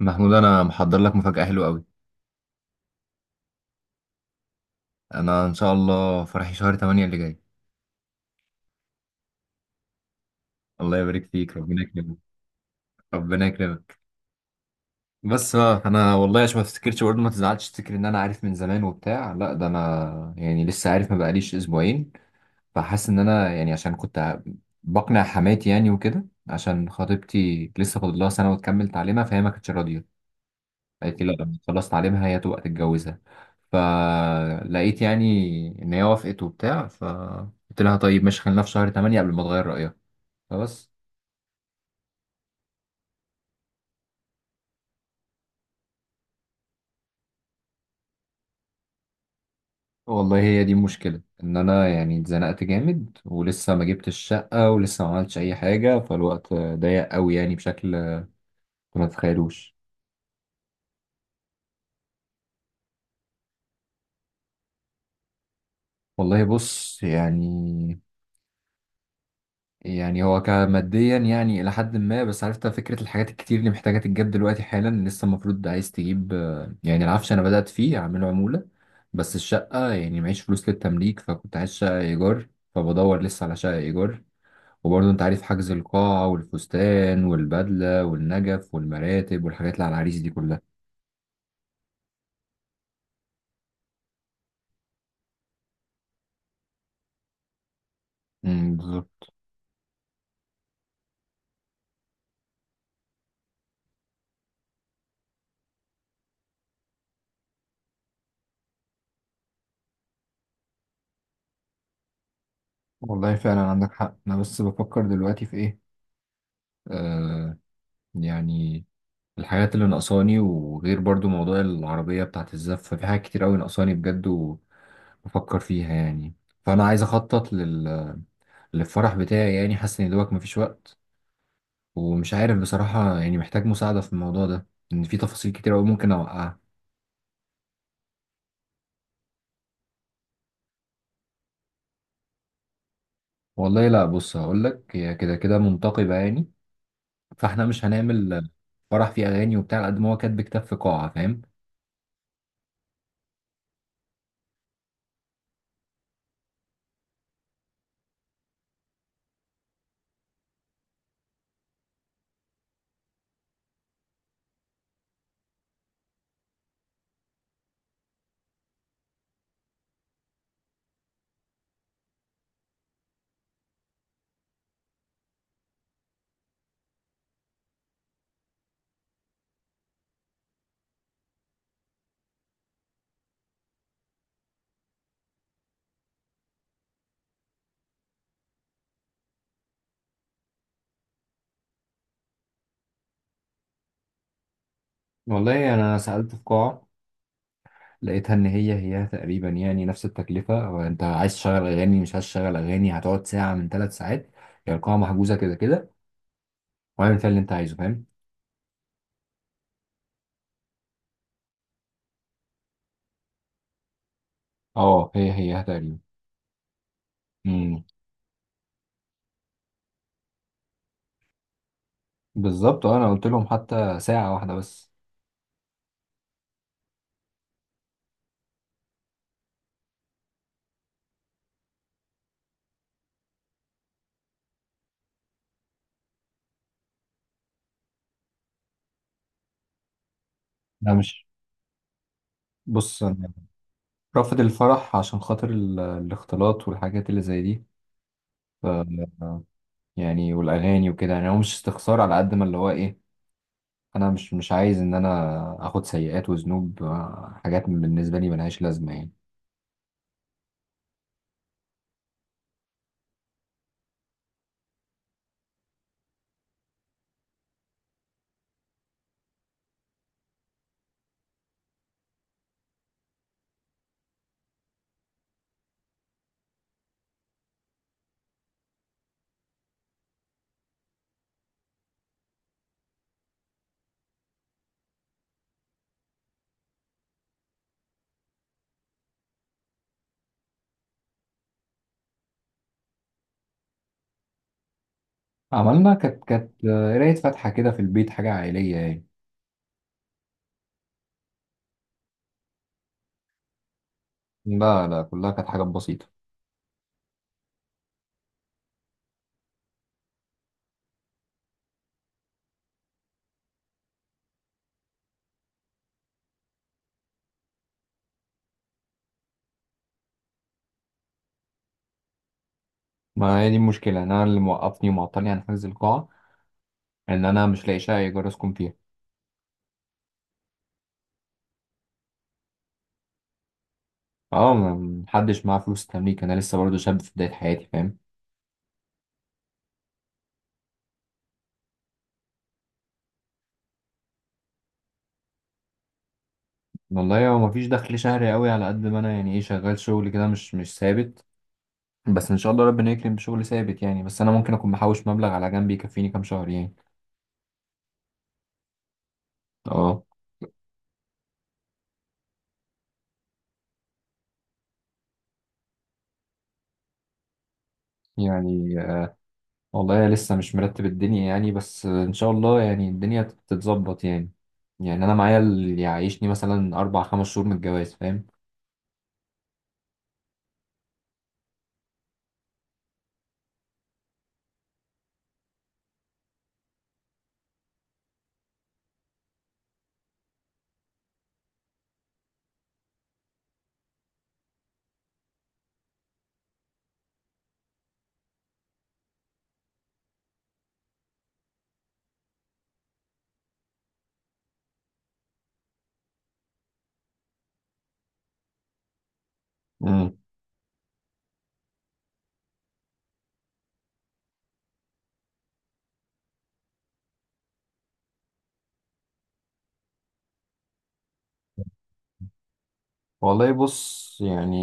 محمود، انا محضر لك مفاجأة حلوة قوي. انا ان شاء الله فرحي شهر 8 اللي جاي. الله يبارك فيك، ربنا يكرمك. ربنا يكرمك. بس بقى، انا والله عشان ما تفتكرش برضه ما تزعلش تفتكر ان انا عارف من زمان وبتاع، لا ده انا يعني لسه عارف، ما بقاليش اسبوعين. فحاسس ان انا يعني عشان كنت بقنع حماتي يعني وكده، عشان خطيبتي لسه فاضل لها سنة وتكمل تعليمها، فهي ما كانتش راضية. قالت لي لا، لما تخلص تعليمها هي تبقى تتجوزها. فلقيت يعني ان هي وافقت وبتاع، فقلت لها طيب ماشي، خلينا في شهر 8 قبل ما تغير رأيها. فبس. والله هي دي المشكلة، ان انا يعني اتزنقت جامد، ولسه ما جبتش الشقة ولسه ما عملتش اي حاجة، فالوقت ضيق قوي يعني بشكل ما تتخيلوش. والله بص يعني هو كماديا يعني إلى حد ما، بس عرفت فكرة الحاجات الكتير اللي محتاجة تتجاب دلوقتي حالا، لسه المفروض عايز تجيب، يعني العفش أنا بدأت فيه أعمله عمولة. بس الشقة يعني معيش فلوس للتمليك، فكنت عايز شقة إيجار. فبدور لسه على شقة إيجار. وبرضه أنت عارف، حجز القاعة والفستان والبدلة والنجف والمراتب والحاجات اللي على العريس دي كلها. بالظبط. والله فعلا عندك حق، أنا بس بفكر دلوقتي في إيه آه يعني الحاجات اللي ناقصاني، وغير برضو موضوع العربية بتاعت الزف، في حاجات كتير أوي ناقصاني بجد. وبفكر فيها يعني. فأنا عايز أخطط للفرح بتاعي يعني، حاسس إن دوبك مفيش وقت. ومش عارف بصراحة، يعني محتاج مساعدة في الموضوع ده، إن في تفاصيل كتير أوي ممكن أوقعها. والله لا، بص هقولك، هي كده كده منتقبة يعني، فإحنا مش هنعمل فرح فيه أغاني وبتاع، على قد ما هو كاتب كتاب في قاعة، فاهم؟ والله أنا سألت في قاعة، لقيتها ان هي هي تقريبا يعني نفس التكلفه. هو انت عايز تشغل اغاني، مش عايز تشغل اغاني، هتقعد ساعه من 3 ساعات. هي القاعه محجوزه كده كده، واعمل فيها اللي انت عايزه، فاهم؟ اه، هي هي تقريبا. امم بالظبط. انا قلت لهم حتى ساعه واحده بس. لا، مش بص أنا رافض الفرح عشان خاطر الاختلاط والحاجات اللي زي دي. ف يعني والاغاني وكده، يعني هو مش استخسار على قد ما اللي هو ايه. انا مش عايز ان انا اخد سيئات وذنوب، حاجات بالنسبه لي ملهاش لازمه يعني. عملنا، كانت قراية فاتحة كده في البيت، حاجة عائلية يعني. لا لا، كلها كانت حاجات بسيطة. ما هي دي المشكلة، إن أنا اللي موقفني ومعطلني عن حجز القاعة، إن أنا مش لاقي شقة إيجار أسكن فيها. أه، محدش معاه فلوس تمليك. أنا لسه برضه شاب في بداية حياتي، فاهم؟ والله هو مفيش دخل شهري قوي على قد ما أنا يعني إيه، شغال شغل كده مش ثابت. بس إن شاء الله ربنا يكرم بشغل ثابت يعني، بس أنا ممكن أكون محوش مبلغ على جنب يكفيني كام شهر يعني. أه. يعني، والله لسه مش مرتب الدنيا يعني، بس ان شاء الله يعني الدنيا تتظبط يعني. يعني انا معايا اللي يعيشني مثلا اربع خمس شهور من الجواز، فاهم؟ امم. والله بص يعني،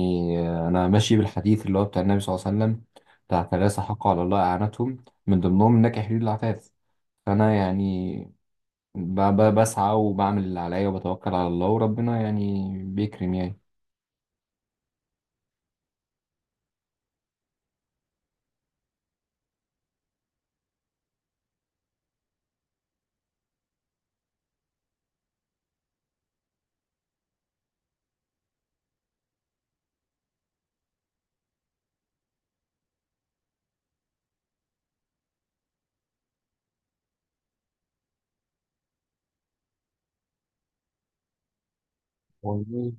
انا ماشي بالحديث اللي هو بتاع النبي صلى الله عليه وسلم، بتاع ثلاثة حق على الله اعانتهم، من ضمنهم نكح لي العفاف. فانا يعني بسعى وبعمل اللي عليا، وبتوكل على الله، وربنا يعني بيكرم يعني. والله.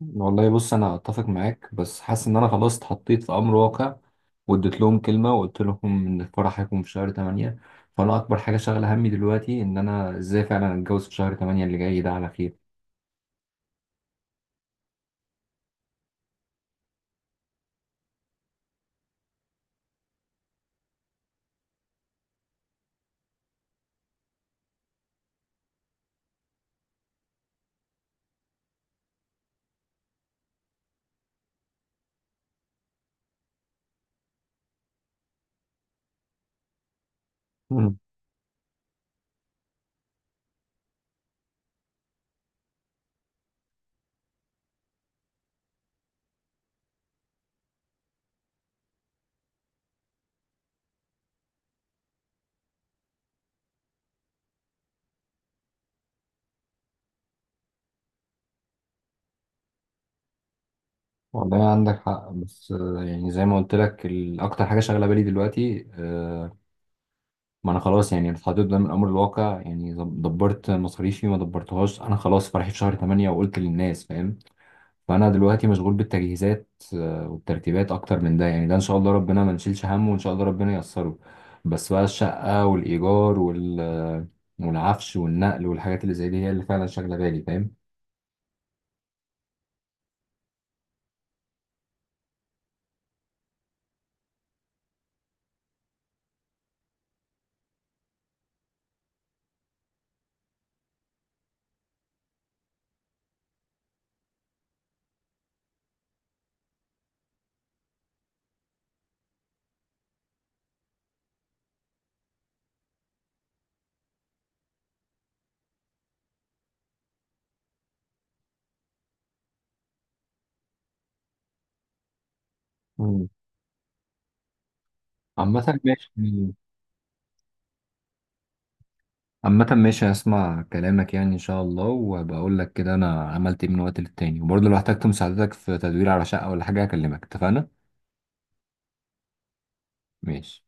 والله بص، انا اتفق معاك، بس حاسس ان انا خلاص اتحطيت في امر واقع، واديت لهم كلمه وقلت لهم ان الفرح هيكون في شهر 8. فانا اكبر حاجه شاغله همي دلوقتي ان انا ازاي فعلا اتجوز في شهر 8 اللي جاي ده على خير. مم. والله عندك حق، بس يعني زي ما قلت لك، اكتر حاجه شاغله بالي دلوقتي، ما انا خلاص يعني اتحطيت قدام الامر الواقع يعني، دبرت مصاريفي ما دبرتهاش. انا خلاص فرحي في شهر 8 وقلت للناس، فاهم؟ فانا دلوقتي مشغول بالتجهيزات والترتيبات، اكتر من ده يعني ده ان شاء الله ربنا ما نشيلش همه وان شاء الله ربنا ييسره. بس بقى الشقة والايجار والعفش والنقل والحاجات اللي زي دي هي اللي فعلا شاغلة بالي، فاهم؟ مم. عامة ماشي. عامة ماشي، هسمع كلامك يعني إن شاء الله، وهبقى أقول لك كده أنا عملت إيه من وقت للتاني، وبرضه لو احتجت مساعدتك في تدوير على شقة ولا حاجة هكلمك، اتفقنا؟ ماشي.